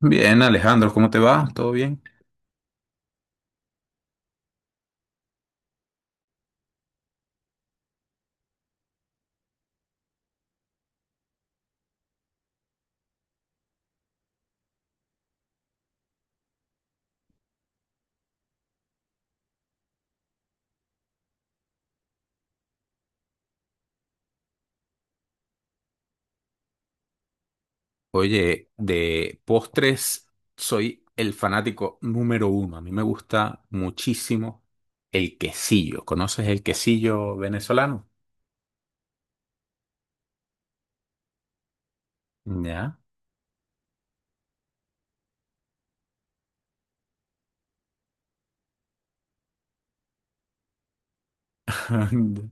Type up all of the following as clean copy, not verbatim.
Bien, Alejandro, ¿cómo te va? ¿Todo bien? Oye, de postres soy el fanático número uno. A mí me gusta muchísimo el quesillo. ¿Conoces el quesillo venezolano? Ya.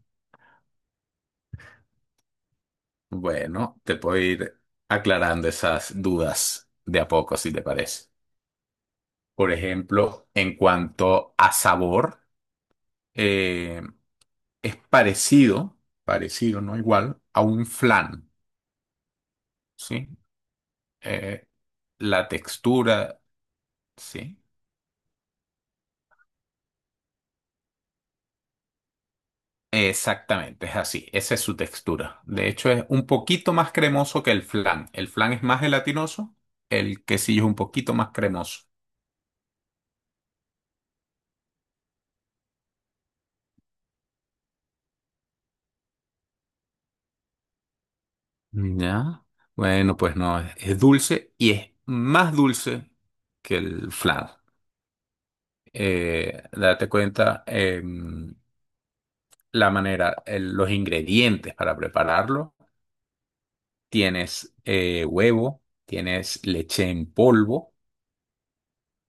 Bueno, te puedo ir aclarando esas dudas de a poco, si te parece. Por ejemplo, en cuanto a sabor, eh, es parecido, parecido, no igual, a un flan, ¿sí? Eh, la textura, sí. Exactamente, es así. Esa es su textura. De hecho, es un poquito más cremoso que el flan. El flan es más gelatinoso, el quesillo es un poquito más cremoso. Ya. Bueno, pues no, es dulce y es más dulce que el flan. Date cuenta, la manera, los ingredientes para prepararlo. Tienes huevo, tienes leche en polvo.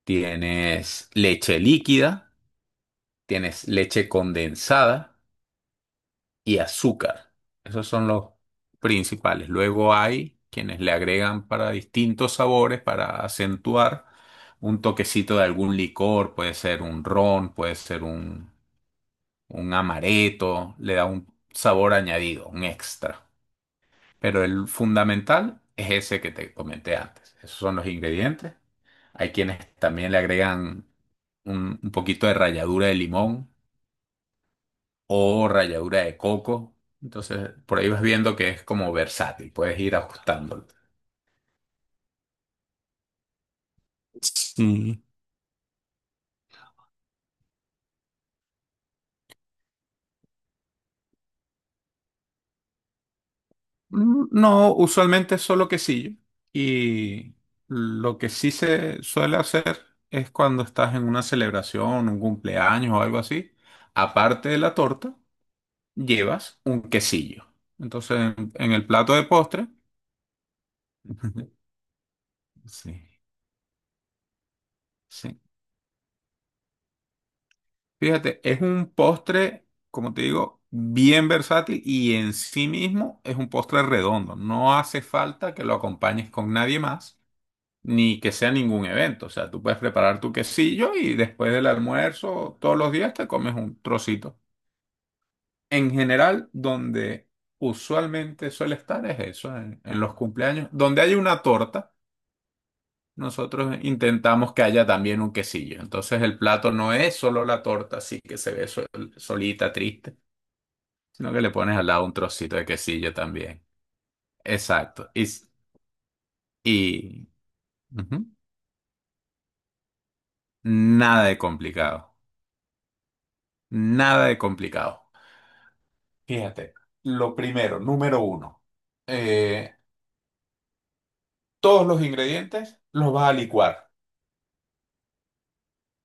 Tienes leche líquida, tienes leche condensada y azúcar. Esos son los principales. Luego hay quienes le agregan para distintos sabores, para acentuar un toquecito de algún licor, puede ser un ron, puede ser un amaretto, le da un sabor añadido, un extra. Pero el fundamental es ese que te comenté antes. Esos son los ingredientes. Hay quienes también le agregan un poquito de ralladura de limón o ralladura de coco. Entonces, por ahí vas viendo que es como versátil, puedes ir ajustándolo. Sí. No, usualmente es solo quesillo. Y lo que sí se suele hacer es cuando estás en una celebración, un cumpleaños o algo así, aparte de la torta, llevas un quesillo. Entonces, en el plato de postre. Sí, sí. Fíjate, es un postre, como te digo, bien versátil y en sí mismo es un postre redondo. No hace falta que lo acompañes con nadie más, ni que sea ningún evento. O sea, tú puedes preparar tu quesillo y después del almuerzo, todos los días te comes un trocito. En general, donde usualmente suele estar es eso, en los cumpleaños, donde hay una torta. Nosotros intentamos que haya también un quesillo. Entonces el plato no es solo la torta, así que se ve solita, triste, sino que le pones al lado un trocito de quesillo también. Exacto. Y ujú. Nada de complicado. Nada de complicado. Fíjate, lo primero, número uno, eh, todos los ingredientes los vas a licuar.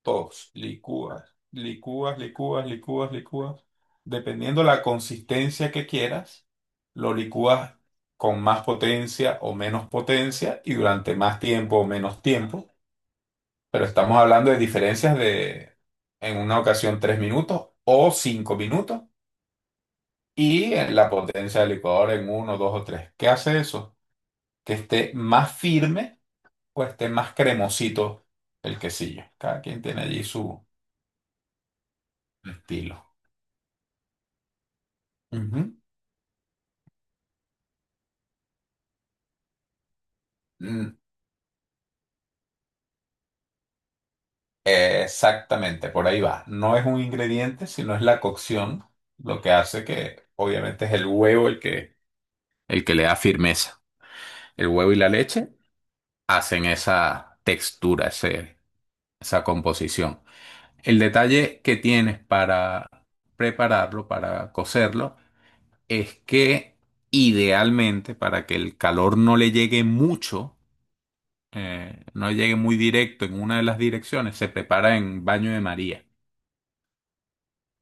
Todos, licúas, licúas, licúas, licúas, licúas. Dependiendo la consistencia que quieras, lo licúas con más potencia o menos potencia y durante más tiempo o menos tiempo. Pero estamos hablando de diferencias de, en una ocasión, 3 minutos o 5 minutos y en la potencia del licuador en uno, dos o tres. ¿Qué hace eso? Que esté más firme o esté más cremosito el quesillo. Cada quien tiene allí su estilo. Ujú. Mm, Exactamente, por ahí va. No es un ingrediente, sino es la cocción lo que hace que, obviamente, es el huevo el que le da firmeza. El huevo y la leche hacen esa textura, esa composición. El detalle que tienes para prepararlo, para cocerlo, es que idealmente, para que el calor no le llegue mucho, no llegue muy directo en una de las direcciones, se prepara en baño de María.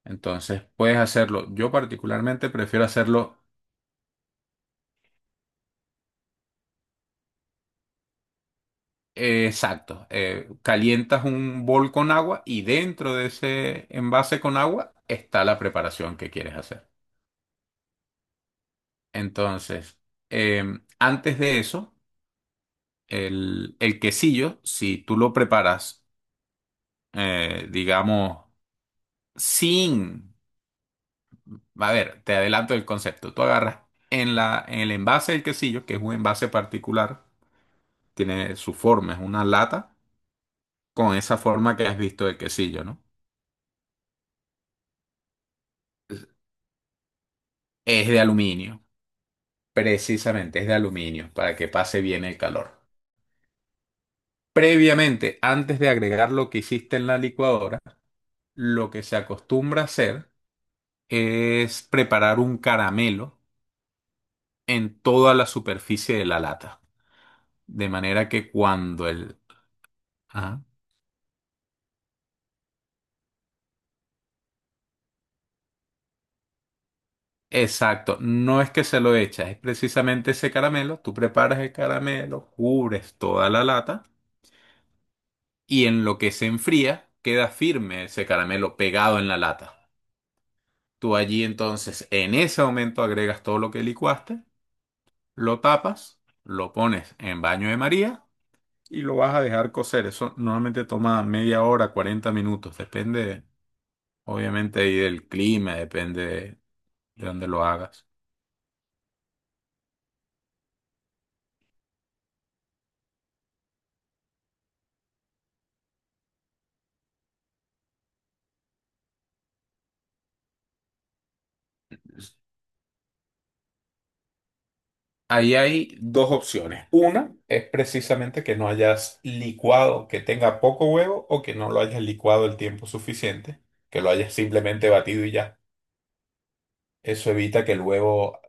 Entonces puedes hacerlo. Yo particularmente prefiero hacerlo exacto. Calientas un bol con agua y dentro de ese envase con agua está la preparación que quieres hacer. Entonces, eh, antes de eso, el quesillo, si tú lo preparas, digamos, sin... A ver, te adelanto el concepto. Tú agarras en el envase del quesillo, que es un envase particular, tiene su forma, es una lata con esa forma que has visto del quesillo, ¿no? Es de aluminio, precisamente es de aluminio, para que pase bien el calor. Previamente, antes de agregar lo que hiciste en la licuadora, lo que se acostumbra a hacer es preparar un caramelo en toda la superficie de la lata, de manera que cuando el... Ajá. Exacto, no es que se lo echas, es precisamente ese caramelo, tú preparas el caramelo, cubres toda la lata y en lo que se enfría queda firme ese caramelo pegado en la lata. Tú allí entonces en ese momento agregas todo lo que licuaste, lo tapas, lo pones en baño de María y lo vas a dejar cocer. Eso normalmente toma media hora, 40 minutos, depende obviamente ahí del clima, depende de dónde lo hagas. Ahí hay dos opciones. Una es precisamente que no hayas licuado, que tenga poco huevo o que no lo hayas licuado el tiempo suficiente, que lo hayas simplemente batido y ya. Eso evita que el huevo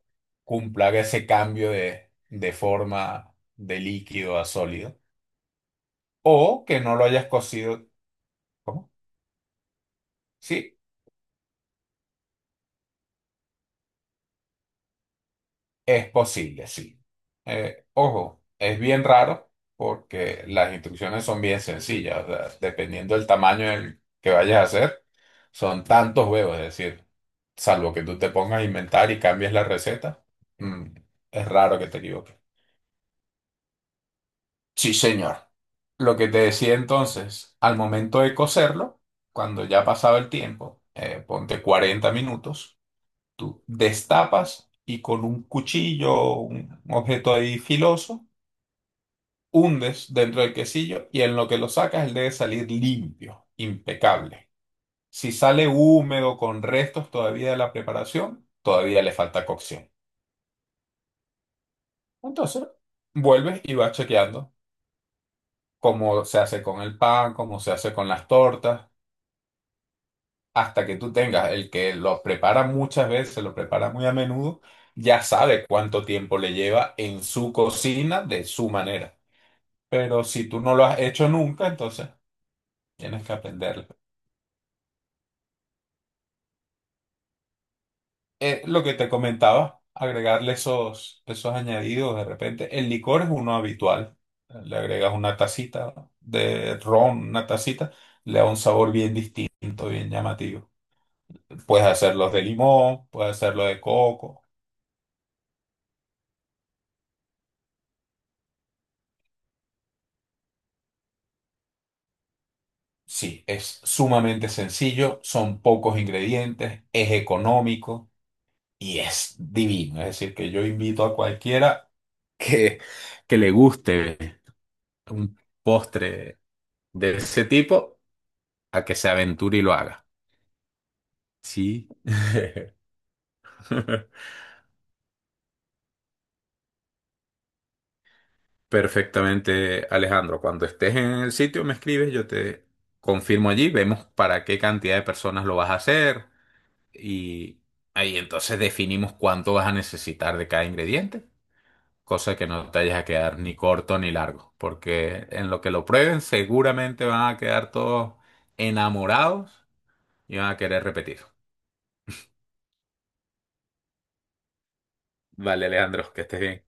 cumpla ese cambio de forma de líquido a sólido. O que no lo hayas cocido. ¿Cómo? Sí, es posible, sí. Ojo, es bien raro porque las instrucciones son bien sencillas, o sea, dependiendo del tamaño del que vayas a hacer, son tantos huevos, es decir, salvo que tú te pongas a inventar y cambies la receta, mm, es raro que te equivoques. Sí, señor. Lo que te decía entonces, al momento de cocerlo, cuando ya ha pasado el tiempo, ponte 40 minutos, tú destapas y con un cuchillo, un objeto ahí filoso, hundes dentro del quesillo y en lo que lo sacas él debe salir limpio, impecable. Si sale húmedo con restos todavía de la preparación, todavía le falta cocción. Entonces, vuelves y vas chequeando cómo se hace con el pan, cómo se hace con las tortas, hasta que tú tengas el que lo prepara muchas veces, lo prepara muy a menudo, ya sabe cuánto tiempo le lleva en su cocina de su manera. Pero si tú no lo has hecho nunca, entonces tienes que aprenderlo. Lo que te comentaba, agregarle esos añadidos de repente. El licor es uno habitual. Le agregas una tacita de ron, una tacita, le da un sabor bien distinto, bien llamativo. Puedes hacerlos de limón, puedes hacerlo de coco. Sí, es sumamente sencillo, son pocos ingredientes, es económico y es divino. Es decir, que yo invito a cualquiera que, que le guste un postre de ese tipo a que se aventure y lo haga. Sí. Perfectamente, Alejandro. Cuando estés en el sitio, me escribes, yo te confirmo allí, vemos para qué cantidad de personas lo vas a hacer y ahí entonces definimos cuánto vas a necesitar de cada ingrediente, cosa que no te vayas a quedar ni corto ni largo, porque en lo que lo prueben seguramente van a quedar todos enamorados y van a querer repetir. Vale, Alejandro, que estés bien.